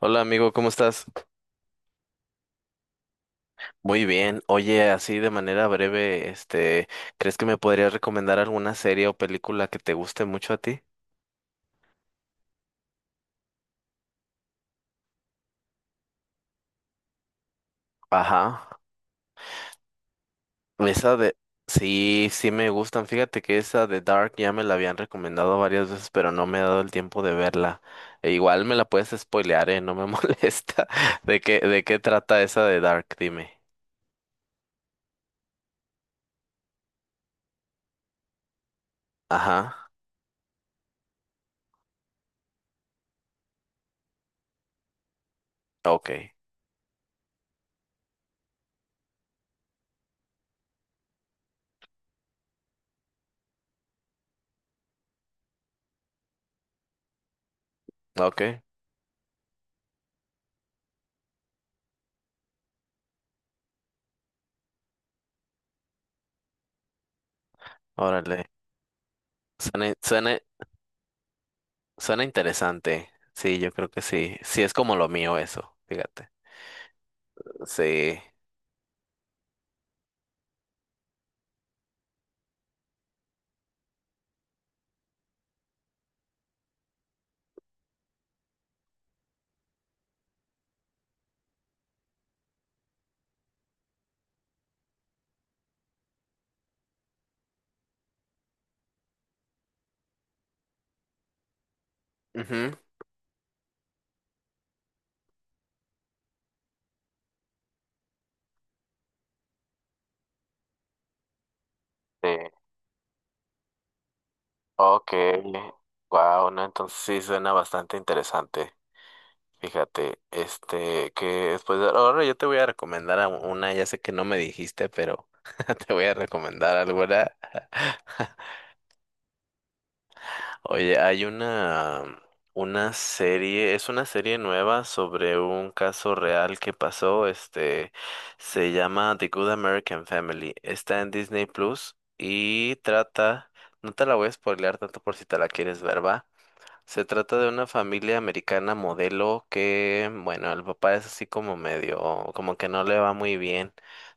Hola amigo, ¿cómo estás? Muy bien. Oye, así de manera breve, ¿crees que me podrías recomendar alguna serie o película que te guste mucho a ti? Ajá. Esa de... Sí, sí me gustan. Fíjate que esa de Dark ya me la habían recomendado varias veces, pero no me he dado el tiempo de verla. E igual me la puedes spoilear, ¿eh? No me molesta. ¿De qué trata esa de Dark? Dime. Ajá. Ok. Ok. Órale. Suena, suena, Suena interesante. Sí, yo creo que sí. Sí, es como lo mío eso, fíjate. Sí. Ujú. Sí. Ok. Wow, no, entonces sí suena bastante interesante. Fíjate, ahora yo te voy a recomendar a una, ya sé que no me dijiste, pero te voy a recomendar alguna. Oye, una serie, es una serie nueva sobre un caso real que pasó, se llama The Good American Family, está en Disney Plus y no te la voy a spoilear tanto por si te la quieres ver, va. Se trata de una familia americana modelo que, bueno, el papá es así como medio, como que no le va muy bien.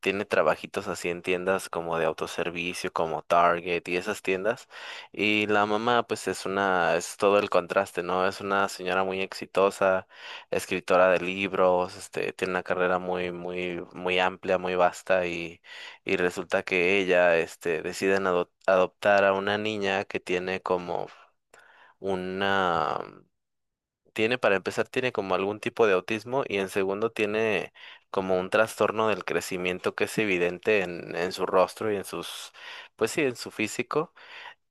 Tiene trabajitos así en tiendas como de autoservicio, como Target y esas tiendas. Y la mamá, pues es una, es todo el contraste, ¿no? Es una señora muy exitosa, escritora de libros, tiene una carrera muy, muy, muy amplia, muy vasta y resulta que ella, deciden adoptar a una niña que tiene como una, tiene para empezar, tiene como algún tipo de autismo y en segundo tiene como un trastorno del crecimiento que es evidente en su rostro y en sus, pues sí, en su físico.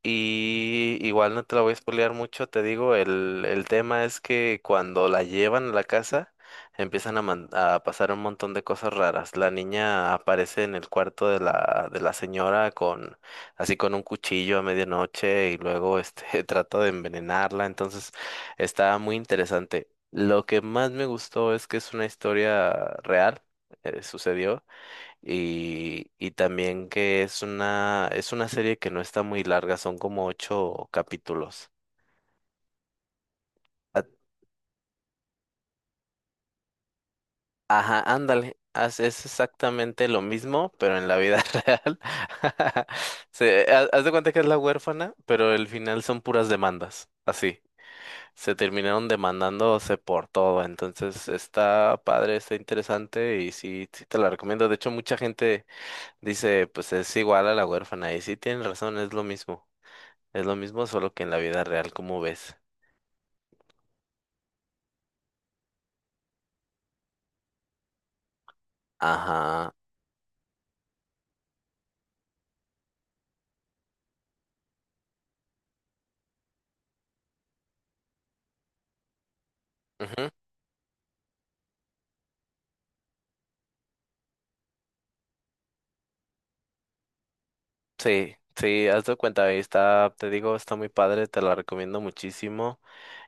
Y igual no te la voy a spoilear mucho, te digo, el tema es que cuando la llevan a la casa empiezan a pasar un montón de cosas raras. La niña aparece en el cuarto de de la señora con así con un cuchillo a medianoche y luego este trata de envenenarla, entonces está muy interesante. Lo que más me gustó es que es una historia real, sucedió. Y también que es una serie que no está muy larga, son como 8 capítulos. A- Ajá, ándale, es exactamente lo mismo, pero en la vida real. Haz de cuenta que es la huérfana, pero el final son puras demandas, así. Se terminaron demandándose por todo, entonces está padre, está interesante y sí, sí te la recomiendo. De hecho, mucha gente dice, pues es igual a la huérfana y sí tienen razón, es lo mismo. Es lo mismo, solo que en la vida real, ¿como ves? Ajá. Ujú. Sí, sí, haz de cuenta, ahí está, te digo, está muy padre, te la recomiendo muchísimo.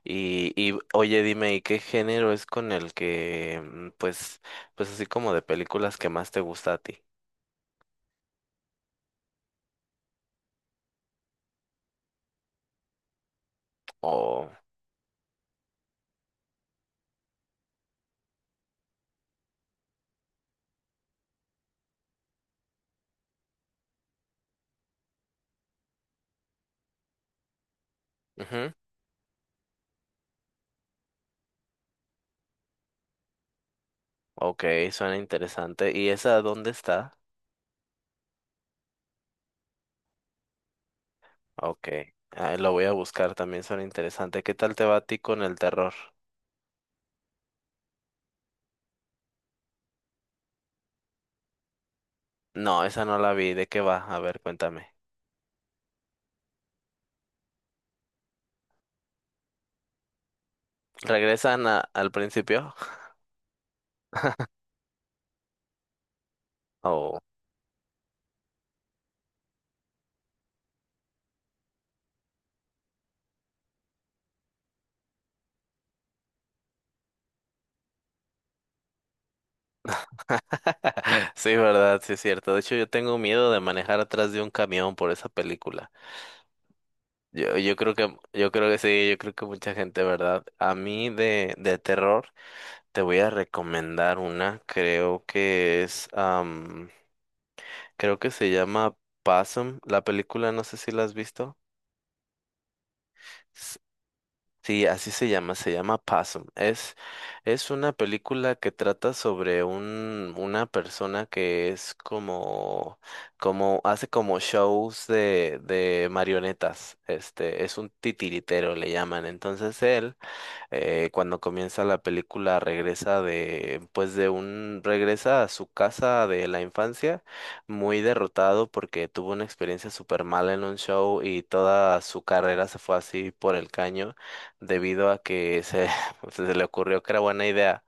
Y oye, dime, ¿y qué género es con el que, pues, pues así como de películas que más te gusta a ti? Oh. Ujú. Ok, suena interesante. ¿Y esa dónde está? Ok, ah, lo voy a buscar, también suena interesante. ¿Qué tal te va a ti con el terror? No, esa no la vi, ¿de qué va? A ver, cuéntame. ¿Regresan al principio? Oh. Sí, verdad, sí es cierto. De hecho, yo tengo miedo de manejar atrás de un camión por esa película. Yo, yo creo que, yo creo que sí, yo creo que mucha gente, ¿verdad? A mí de terror te voy a recomendar una, creo que es, creo que se llama Possum, la película, no sé si la has visto. Sí, así se llama Possum. Es una película que trata sobre un, una persona que es como, hace como shows de marionetas. Este, es un titiritero, le llaman. Entonces él cuando comienza la película pues de un, regresa a su casa de la infancia muy derrotado porque tuvo una experiencia súper mala en un show y toda su carrera se fue así por el caño debido a se le ocurrió que era buena idea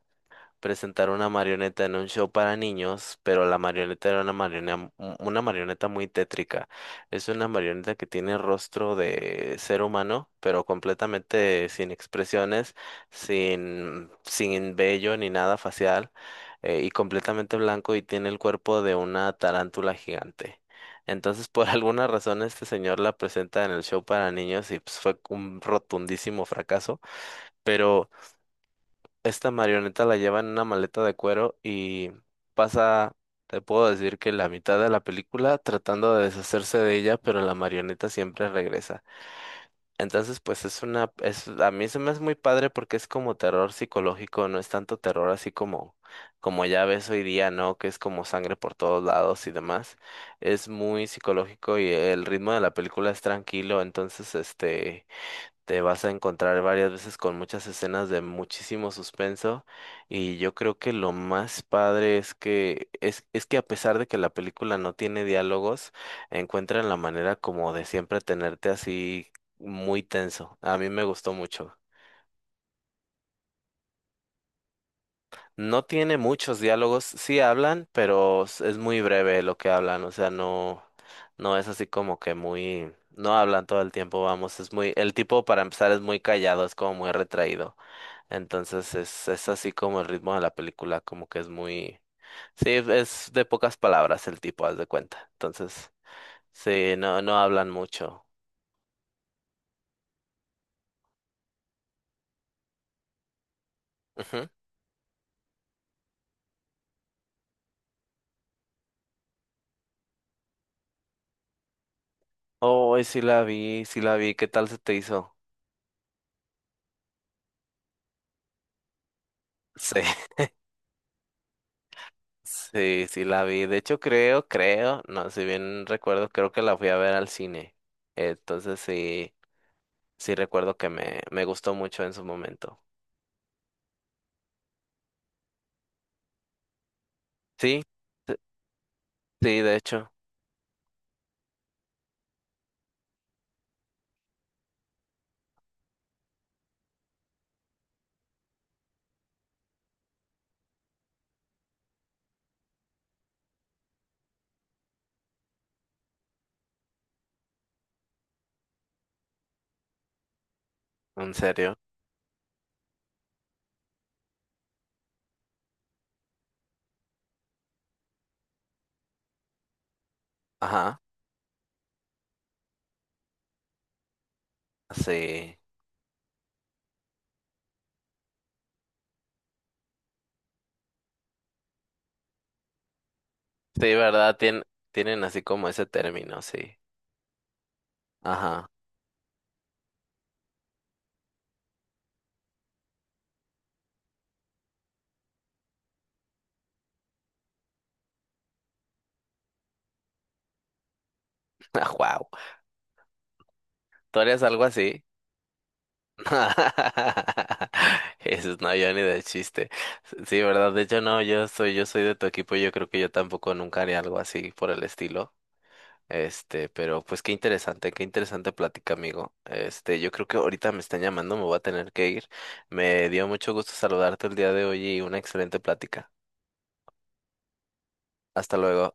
presentar una marioneta en un show para niños, pero la marioneta era una marioneta muy tétrica. Es una marioneta que tiene rostro de ser humano, pero completamente sin expresiones, sin vello ni nada facial, y completamente blanco y tiene el cuerpo de una tarántula gigante. Entonces, por alguna razón, este señor la presenta en el show para niños y pues, fue un rotundísimo fracaso. Pero esta marioneta la lleva en una maleta de cuero y pasa, te puedo decir que la mitad de la película tratando de deshacerse de ella, pero la marioneta siempre regresa. Entonces, pues a mí se me hace muy padre porque es como terror psicológico, no es tanto terror así como, como ya ves hoy día, ¿no? Que es como sangre por todos lados y demás. Es muy psicológico y el ritmo de la película es tranquilo, entonces, este te vas a encontrar varias veces con muchas escenas de muchísimo suspenso y yo creo que lo más padre es que es que a pesar de que la película no tiene diálogos, encuentran la manera como de siempre tenerte así muy tenso. A mí me gustó mucho. No tiene muchos diálogos, sí hablan, pero es muy breve lo que hablan, o sea, no, no es así como que muy, no hablan todo el tiempo, vamos, es muy, el tipo para empezar es muy callado, es como muy retraído, entonces es así como el ritmo de la película, como que es muy, sí, es de pocas palabras el tipo, haz de cuenta, entonces, sí, no, no hablan mucho. Ujú. Oh, sí la vi, ¿qué tal se te hizo? Sí. Sí, sí la vi. De hecho, creo, creo, no, si bien recuerdo, creo que la fui a ver al cine. Entonces sí, sí recuerdo que me gustó mucho en su momento. Sí, sí, sí, de hecho, en serio. Ajá, sí. Sí, ¿verdad? Tienen así como ese término, sí. Ajá. Wow. ¿Tú harías algo así? Eso no, yo ni de chiste. Sí, ¿verdad? De hecho, no, yo soy de tu equipo, yo creo que yo tampoco nunca haría algo así por el estilo. Este, pero pues qué interesante plática, amigo. Este, yo creo que ahorita me están llamando, me voy a tener que ir. Me dio mucho gusto saludarte el día de hoy y una excelente plática. Hasta luego.